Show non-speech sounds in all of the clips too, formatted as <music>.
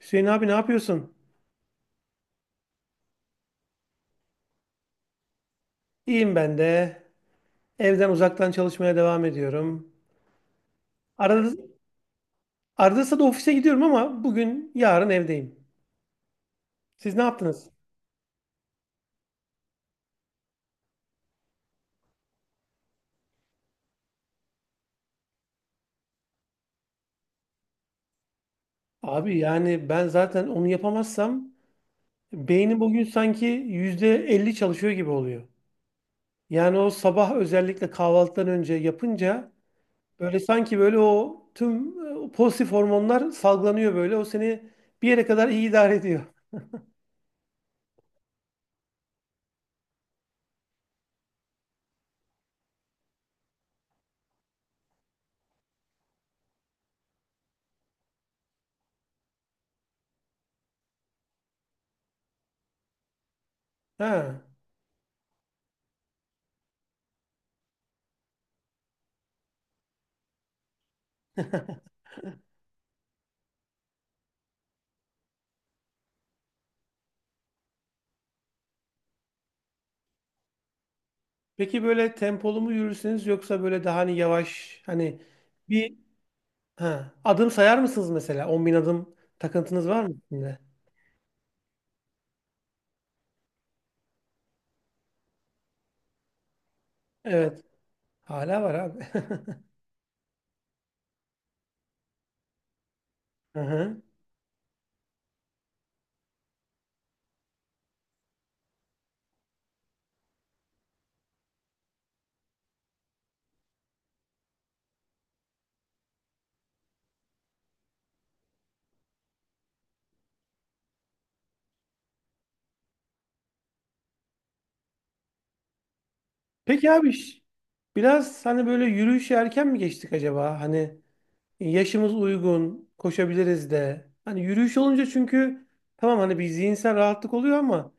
Hüseyin abi ne yapıyorsun? İyiyim ben de. Evden uzaktan çalışmaya devam ediyorum. Arada, arada da ofise gidiyorum ama bugün yarın evdeyim. Siz ne yaptınız? Abi yani ben zaten onu yapamazsam beynim bugün sanki %50 çalışıyor gibi oluyor. Yani o sabah özellikle kahvaltıdan önce yapınca böyle sanki böyle o tüm pozitif hormonlar salgılanıyor böyle. O seni bir yere kadar iyi idare ediyor. Ha. Peki böyle tempolu mu yürürsünüz yoksa böyle daha hani yavaş hani bir ha, adım sayar mısınız mesela? 10.000 adım takıntınız var mı içinde? Evet. Hala var abi. <laughs> Hı hı. Peki abi biraz hani böyle yürüyüşe erken mi geçtik acaba? Hani yaşımız uygun, koşabiliriz de. Hani yürüyüş olunca çünkü tamam hani bir zihinsel rahatlık oluyor ama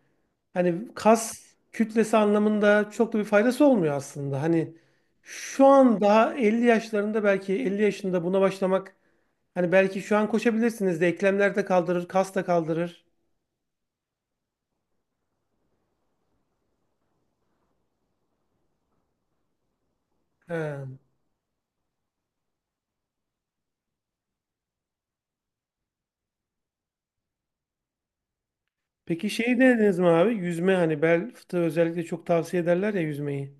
hani kas kütlesi anlamında çok da bir faydası olmuyor aslında. Hani şu an daha 50 yaşlarında belki 50 yaşında buna başlamak hani belki şu an koşabilirsiniz de eklemler de kaldırır, kas da kaldırır. He. Peki şeyi denediniz mi abi? Yüzme hani bel fıtığı özellikle çok tavsiye ederler ya yüzmeyi.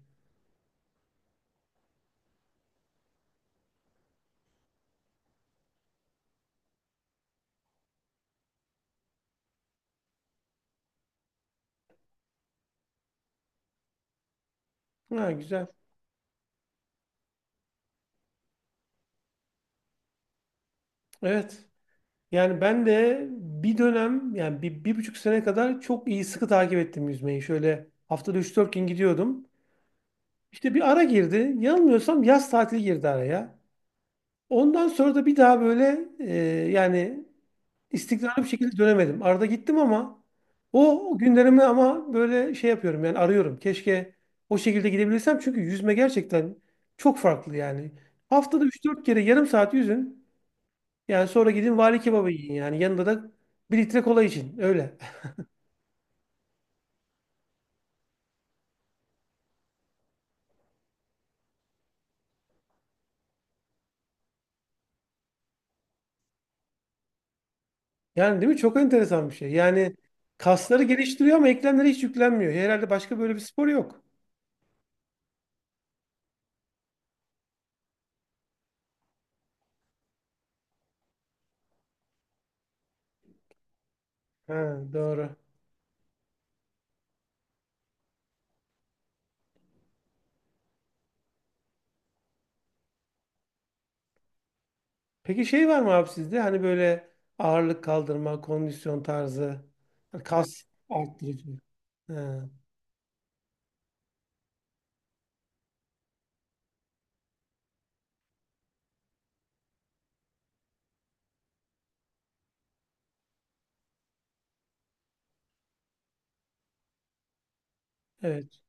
Ha, güzel. Evet. Yani ben de bir dönem yani bir, bir buçuk sene kadar çok iyi sıkı takip ettim yüzmeyi. Şöyle haftada üç dört gün gidiyordum. İşte bir ara girdi. Yanılmıyorsam yaz tatili girdi araya. Ondan sonra da bir daha böyle yani istikrarlı bir şekilde dönemedim. Arada gittim ama o günlerimi ama böyle şey yapıyorum yani arıyorum. Keşke o şekilde gidebilirsem çünkü yüzme gerçekten çok farklı yani. Haftada üç dört kere yarım saat yüzün. Yani sonra gidin vali kebabı yiyin yani yanında da bir litre kola için öyle. <laughs> Yani değil mi? Çok enteresan bir şey. Yani kasları geliştiriyor ama eklemlere hiç yüklenmiyor. Herhalde başka böyle bir spor yok. Ha, doğru. Peki şey var mı abi sizde? Hani böyle ağırlık kaldırma, kondisyon tarzı, hani kas arttırıcı. Ha, evet,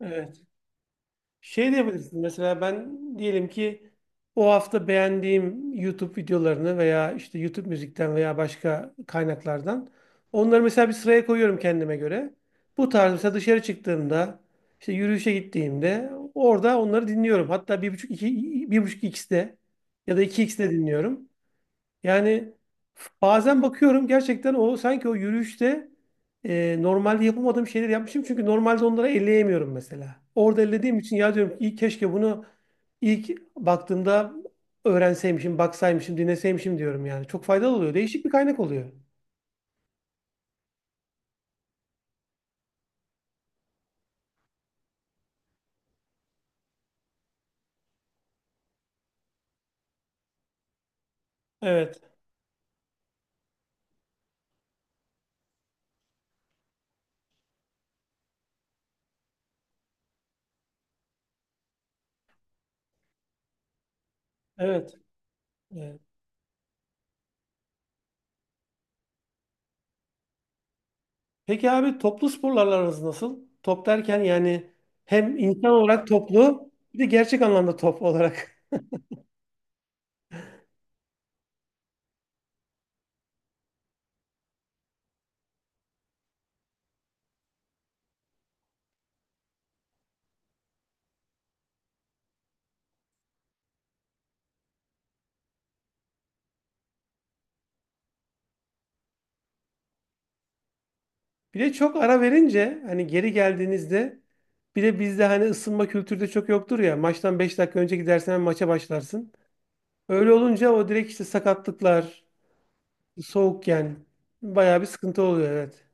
evet. Şey diyebilirsin mesela ben diyelim ki o hafta beğendiğim YouTube videolarını veya işte YouTube müzikten veya başka kaynaklardan onları mesela bir sıraya koyuyorum kendime göre. Bu tarz mesela dışarı çıktığımda işte yürüyüşe gittiğimde orada onları dinliyorum. Hatta 1.5 2 1.5 x'de ya da 2x'de dinliyorum. Yani bazen bakıyorum gerçekten o sanki o yürüyüşte normalde yapamadığım şeyleri yapmışım. Çünkü normalde onları elleyemiyorum mesela. Orada ellediğim için ya diyorum ki iyi keşke bunu ilk baktığımda öğrenseymişim, baksaymışım, dinleseymişim diyorum yani. Çok faydalı oluyor. Değişik bir kaynak oluyor. Evet, evet. Evet. Peki abi toplu sporlarla aranız nasıl? Top derken yani hem insan olarak toplu bir de gerçek anlamda top olarak. Bir de çok ara verince hani geri geldiğinizde bir de bizde hani ısınma kültürü de çok yoktur ya. Maçtan 5 dakika önce gidersen hemen maça başlarsın. Öyle olunca o direkt işte sakatlıklar, soğukken bayağı bir sıkıntı oluyor, evet.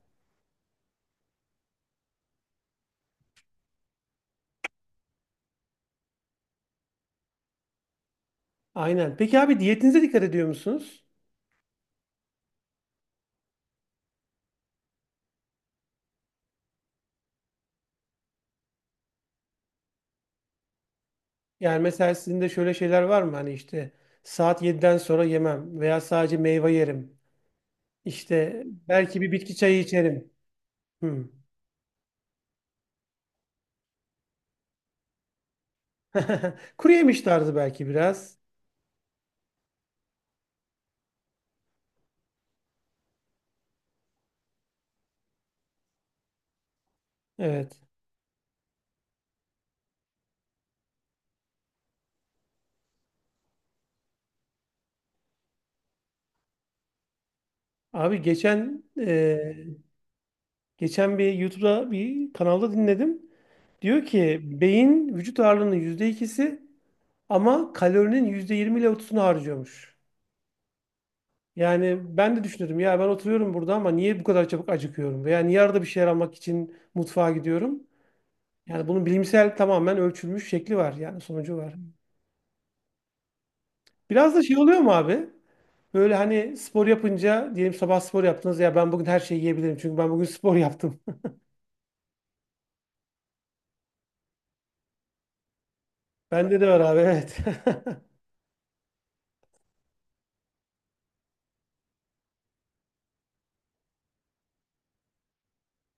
Aynen. Peki abi diyetinize dikkat ediyor musunuz? Yani mesela sizin de şöyle şeyler var mı? Hani işte saat 7'den sonra yemem veya sadece meyve yerim. İşte belki bir bitki çayı içerim. Hmm. <laughs> Kuru yemiş tarzı belki biraz. Evet. Abi, geçen bir YouTube'da bir kanalda dinledim. Diyor ki beyin vücut ağırlığının %2'si ama kalorinin %20 ile 30'unu harcıyormuş. Yani ben de düşünüyordum ya ben oturuyorum burada ama niye bu kadar çabuk acıkıyorum? Veya niye arada bir şeyler almak için mutfağa gidiyorum? Yani bunun bilimsel tamamen ölçülmüş şekli var yani sonucu var. Biraz da şey oluyor mu abi? Böyle hani spor yapınca diyelim sabah spor yaptınız ya ben bugün her şeyi yiyebilirim çünkü ben bugün spor yaptım. <laughs> Bende de var abi, evet. <laughs>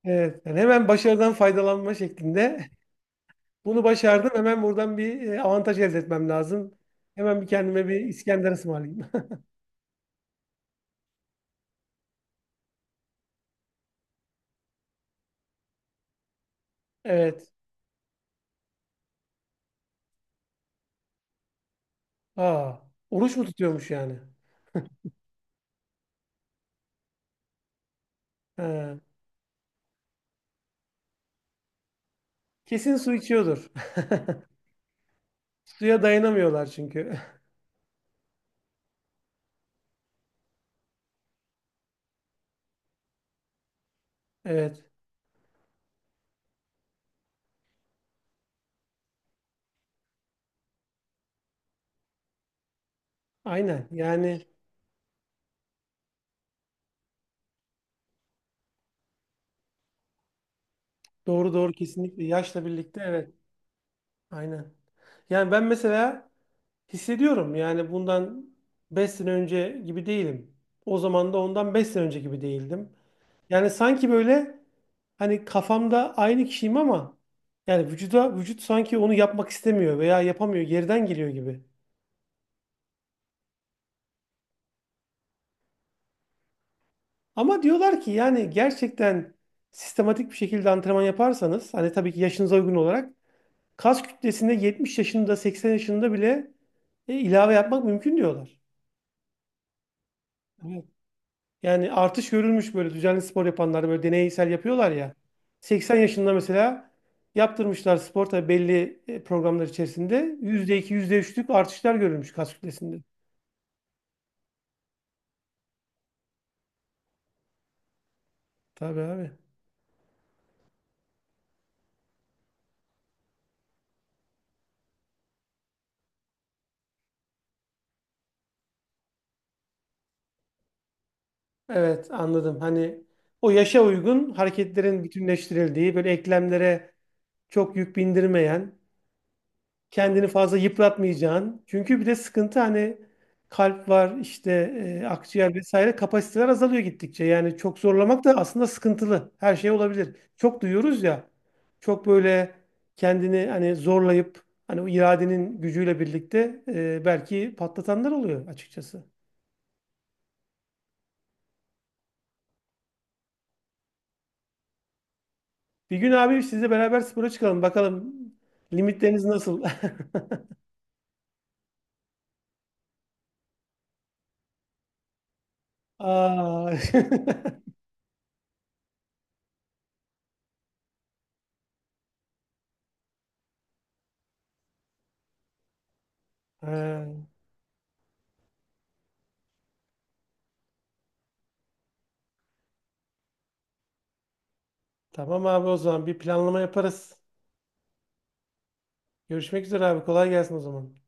Evet, yani hemen başarıdan faydalanma şeklinde. Bunu başardım, hemen buradan bir avantaj elde etmem lazım. Hemen bir kendime bir İskender ısmarlayayım. <laughs> Evet. Aa, oruç mu tutuyormuş yani? Ha, kesin su içiyordur. <laughs> Suya dayanamıyorlar çünkü. <laughs> Evet, aynen. Yani doğru doğru kesinlikle. Yaşla birlikte, evet, aynen. Yani ben mesela hissediyorum yani bundan 5 sene önce gibi değilim. O zaman da ondan 5 sene önce gibi değildim. Yani sanki böyle hani kafamda aynı kişiyim ama yani vücut sanki onu yapmak istemiyor veya yapamıyor, geriden geliyor gibi. Ama diyorlar ki yani gerçekten sistematik bir şekilde antrenman yaparsanız hani tabii ki yaşınıza uygun olarak kas kütlesinde 70 yaşında 80 yaşında bile ilave yapmak mümkün diyorlar. Evet. Yani artış görülmüş böyle düzenli spor yapanlar böyle deneysel yapıyorlar ya. 80 yaşında mesela yaptırmışlar spor tabii belli programlar içerisinde. %2 yüzde üçlük artışlar görülmüş kas kütlesinde. Tabii abi. Evet, anladım. Hani o yaşa uygun hareketlerin bütünleştirildiği böyle eklemlere çok yük bindirmeyen kendini fazla yıpratmayacağın. Çünkü bir de sıkıntı hani kalp var işte akciğer vesaire kapasiteler azalıyor gittikçe. Yani çok zorlamak da aslında sıkıntılı. Her şey olabilir. Çok duyuyoruz ya. Çok böyle kendini hani zorlayıp hani o iradenin gücüyle birlikte belki patlatanlar oluyor açıkçası. Bir gün abi sizle beraber spora çıkalım. Bakalım limitleriniz nasıl? <laughs> Aa. <laughs> Ha, tamam abi, o zaman bir planlama yaparız. Görüşmek üzere abi. Kolay gelsin o zaman.